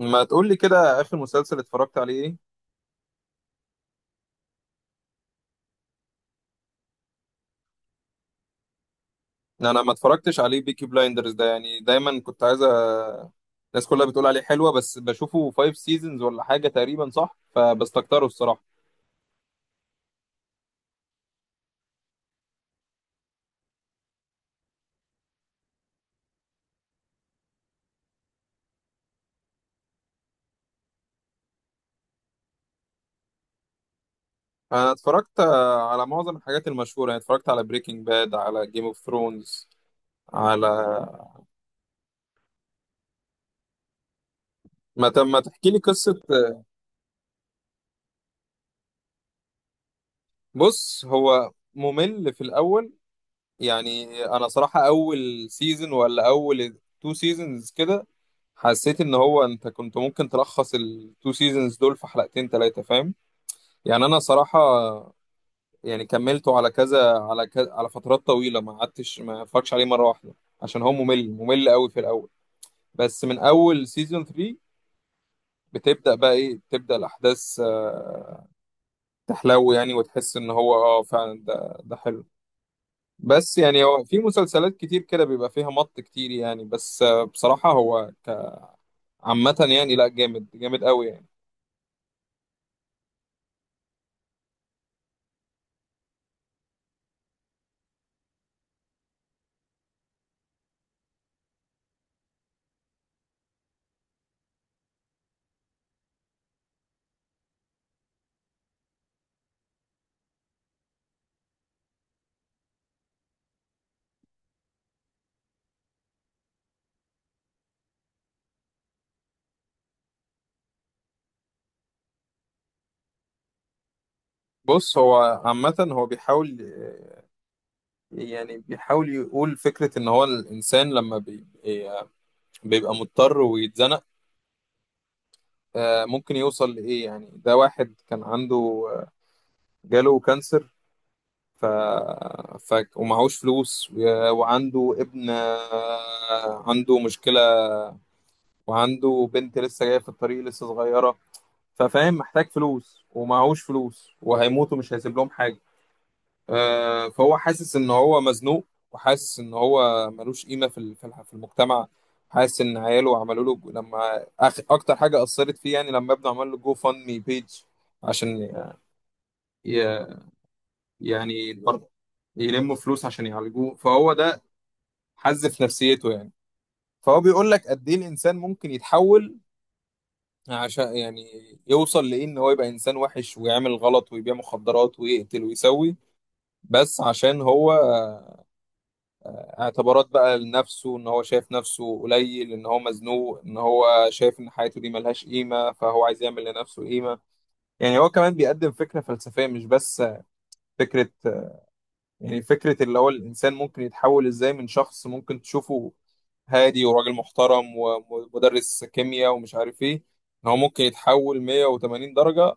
ما تقول لي كده اخر مسلسل اتفرجت عليه ايه؟ انا ما اتفرجتش عليه بيكي بلايندرز ده، يعني دايما كنت عايز الناس كلها بتقول عليه حلوة، بس بشوفه فايف سيزونز ولا حاجة تقريبا، صح؟ فبستكتره الصراحة. انا اتفرجت آه، على معظم الحاجات المشهورة، يعني اتفرجت على بريكنج باد، على جيم اوف ثرونز، على ما تحكي لي قصة. بص، هو ممل في الاول، يعني انا صراحة، اول سيزون ولا اول تو سيزونز كده حسيت ان هو انت كنت ممكن تلخص التو سيزونز دول في حلقتين ثلاثه، فاهم؟ يعني انا صراحه، يعني كملته على كذا على كذا، على فترات طويله، ما قعدتش ما اتفرجش عليه مره واحده، عشان هو ممل ممل قوي في الاول. بس من اول سيزون 3، بتبدا بقى ايه، بتبدا الاحداث تحلو يعني، وتحس ان هو فعلا ده حلو. بس يعني هو في مسلسلات كتير كده بيبقى فيها مط كتير، يعني بس بصراحه هو عامه يعني، لا جامد جامد قوي يعني. بص هو عامة، هو بيحاول، يعني بيحاول يقول فكرة إن هو الإنسان لما بيبقى مضطر ويتزنق، آه، ممكن يوصل لإيه، يعني ده واحد كان عنده آه، جاله كانسر، ف... ومعهوش فلوس وعنده ابن، عنده مشكلة، وعنده بنت لسه جاية في الطريق، لسه صغيرة، ففاهم محتاج فلوس ومعهوش فلوس، وهيموت ومش هيسيب لهم حاجة. فهو حاسس ان هو مزنوق، وحاسس ان هو ملوش قيمه في ال- في الح- في المجتمع، حاسس ان عياله عملوا له اكتر حاجه اثرت فيه، يعني لما ابنه عمل له جو فاند مي بيج، عشان ي... يعني برضه يلموا فلوس عشان يعالجوه، فهو ده حز في نفسيته يعني. فهو بيقول لك قد ايه الانسان ممكن يتحول، عشان يعني يوصل لايه؟ ان هو يبقى انسان وحش ويعمل غلط ويبيع مخدرات ويقتل ويسوي، بس عشان هو اعتبارات بقى لنفسه، ان هو شايف نفسه قليل، ان هو مزنوق، ان هو شايف ان حياته دي ملهاش قيمة، فهو عايز يعمل لنفسه قيمة. يعني هو كمان بيقدم فكرة فلسفية، مش بس فكرة، يعني فكرة اللي هو الانسان ممكن يتحول ازاي من شخص ممكن تشوفه هادي وراجل محترم ومدرس كيمياء ومش عارف ايه، ان هو ممكن يتحول 180 درجة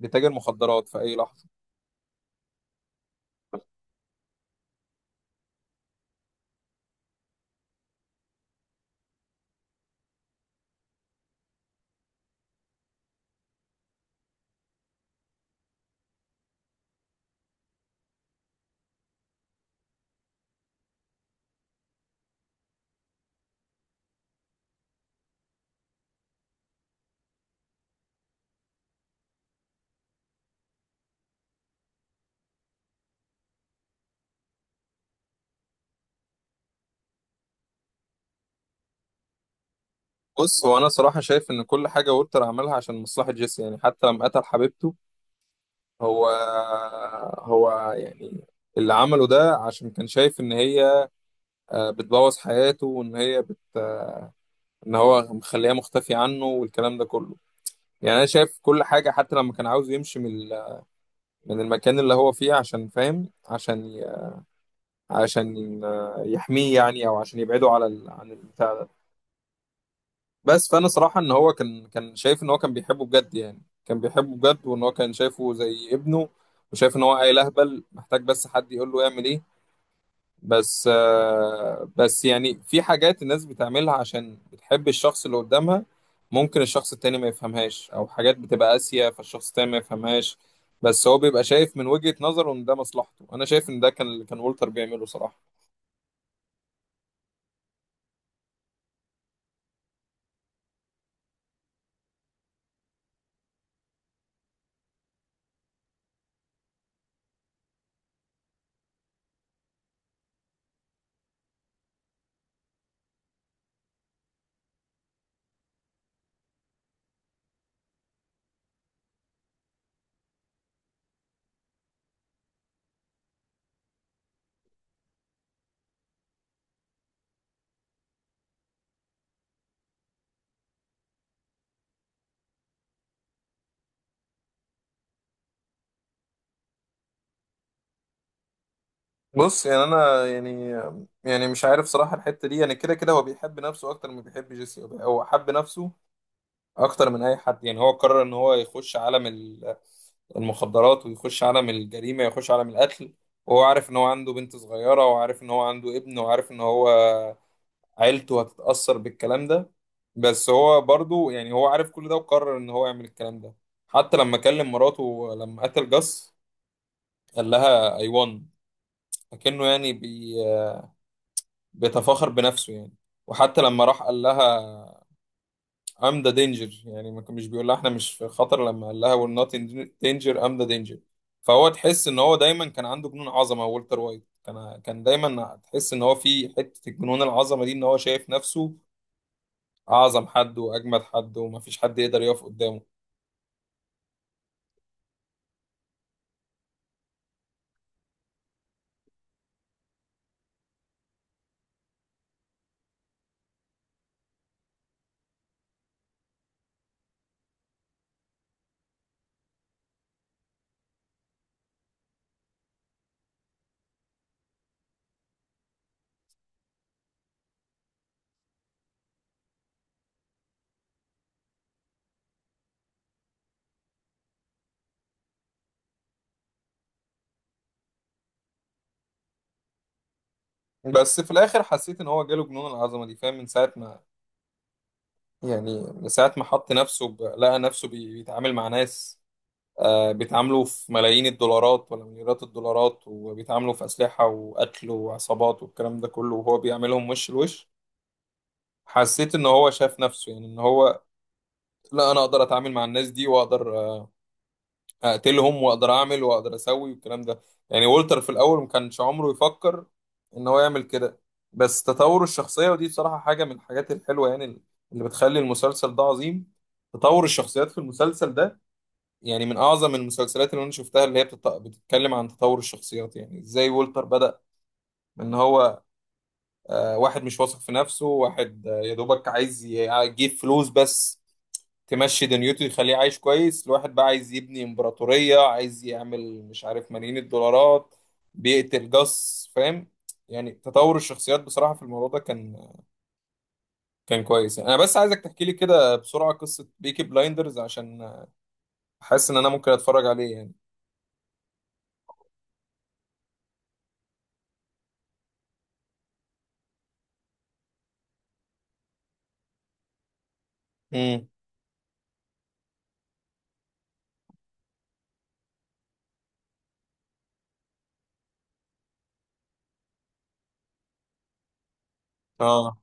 لتاجر مخدرات في اي لحظة. بص، هو انا صراحة شايف ان كل حاجة وولتر عملها عشان مصلحة جيسي، يعني حتى لما قتل حبيبته، هو هو يعني اللي عمله ده عشان كان شايف ان هي بتبوظ حياته، وان هي ان هو مخليها مختفي عنه، والكلام ده كله، يعني انا شايف كل حاجه، حتى لما كان عاوز يمشي من المكان اللي هو فيه، عشان فاهم، عشان يحميه يعني، او عشان يبعده عن البتاع ده. بس فانا صراحه ان هو كان شايف ان هو كان بيحبه بجد، يعني كان بيحبه بجد، وان هو كان شايفه زي ابنه، وشايف ان هو عيل اهبل، محتاج بس حد يقول له يعمل ايه. بس يعني في حاجات الناس بتعملها عشان بتحب الشخص اللي قدامها، ممكن الشخص التاني ما يفهمهاش، او حاجات بتبقى قاسية فالشخص التاني ما يفهمهاش، بس هو بيبقى شايف من وجهة نظره ان ده مصلحته. انا شايف ان ده كان اللي كان وولتر بيعمله صراحة. بص يعني انا يعني مش عارف صراحة الحتة دي، يعني كده كده هو بيحب نفسه اكتر ما بيحب جيسي، هو حب نفسه اكتر من اي حد، يعني هو قرر ان هو يخش عالم المخدرات ويخش عالم الجريمة، يخش عالم القتل، وهو عارف ان هو عنده بنت صغيرة، وعارف ان هو عنده ابن، وعارف ان هو عيلته هتتأثر بالكلام ده. بس هو برضو يعني، هو عارف كل ده وقرر ان هو يعمل الكلام ده. حتى لما كلم مراته لما قتل جاس، قال لها I won، فكأنه يعني بيتفاخر بنفسه يعني. وحتى لما راح قال لها ام ذا دينجر، يعني ما كان مش بيقول لها احنا مش في خطر، لما قال لها وير نوت ان دينجر، ام ذا دينجر. فهو تحس ان هو دايما كان عنده جنون عظمه، والتر وايت كان دايما تحس ان هو في حته الجنون العظمه دي، ان هو شايف نفسه اعظم حد واجمد حد ومفيش حد يقدر يقف قدامه. بس في الاخر حسيت ان هو جاله جنون العظمه دي، فاهم؟ من ساعه ما يعني من ساعه ما حط نفسه لقى نفسه بيتعامل مع ناس، بيتعاملوا في ملايين الدولارات ولا مليارات الدولارات، وبيتعاملوا في أسلحة وقتل وعصابات والكلام ده كله، وهو بيعملهم وش لوش. حسيت ان هو شاف نفسه، يعني ان هو، لا انا اقدر اتعامل مع الناس دي، واقدر اقتلهم، واقدر اعمل واقدر اسوي والكلام ده. يعني وولتر في الاول ما كانش عمره يفكر ان هو يعمل كده. بس تطور الشخصية، ودي بصراحة حاجة من الحاجات الحلوة يعني، اللي بتخلي المسلسل ده عظيم، تطور الشخصيات في المسلسل ده، يعني من اعظم المسلسلات اللي انا شفتها، اللي هي بتتكلم عن تطور الشخصيات، يعني ازاي وولتر بدأ من ان هو واحد مش واثق في نفسه، واحد يا دوبك عايز يجيب فلوس بس تمشي دنيته، يخليه عايش كويس، لواحد بقى عايز يبني امبراطورية، عايز يعمل مش عارف ملايين الدولارات، بيقتل جاس، فاهم؟ يعني تطور الشخصيات بصراحة في الموضوع ده كان كويس يعني. انا بس عايزك تحكي لي كده بسرعة قصة بيكي بلايندرز، عشان حاسس ان انا ممكن اتفرج عليه يعني. امم اه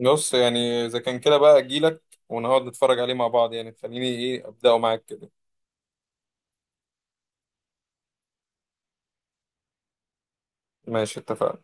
بص يعني اذا كان كده بقى، اجيلك ونقعد نتفرج عليه مع بعض، يعني خليني ايه ابداه معاك كده. ماشي اتفقنا.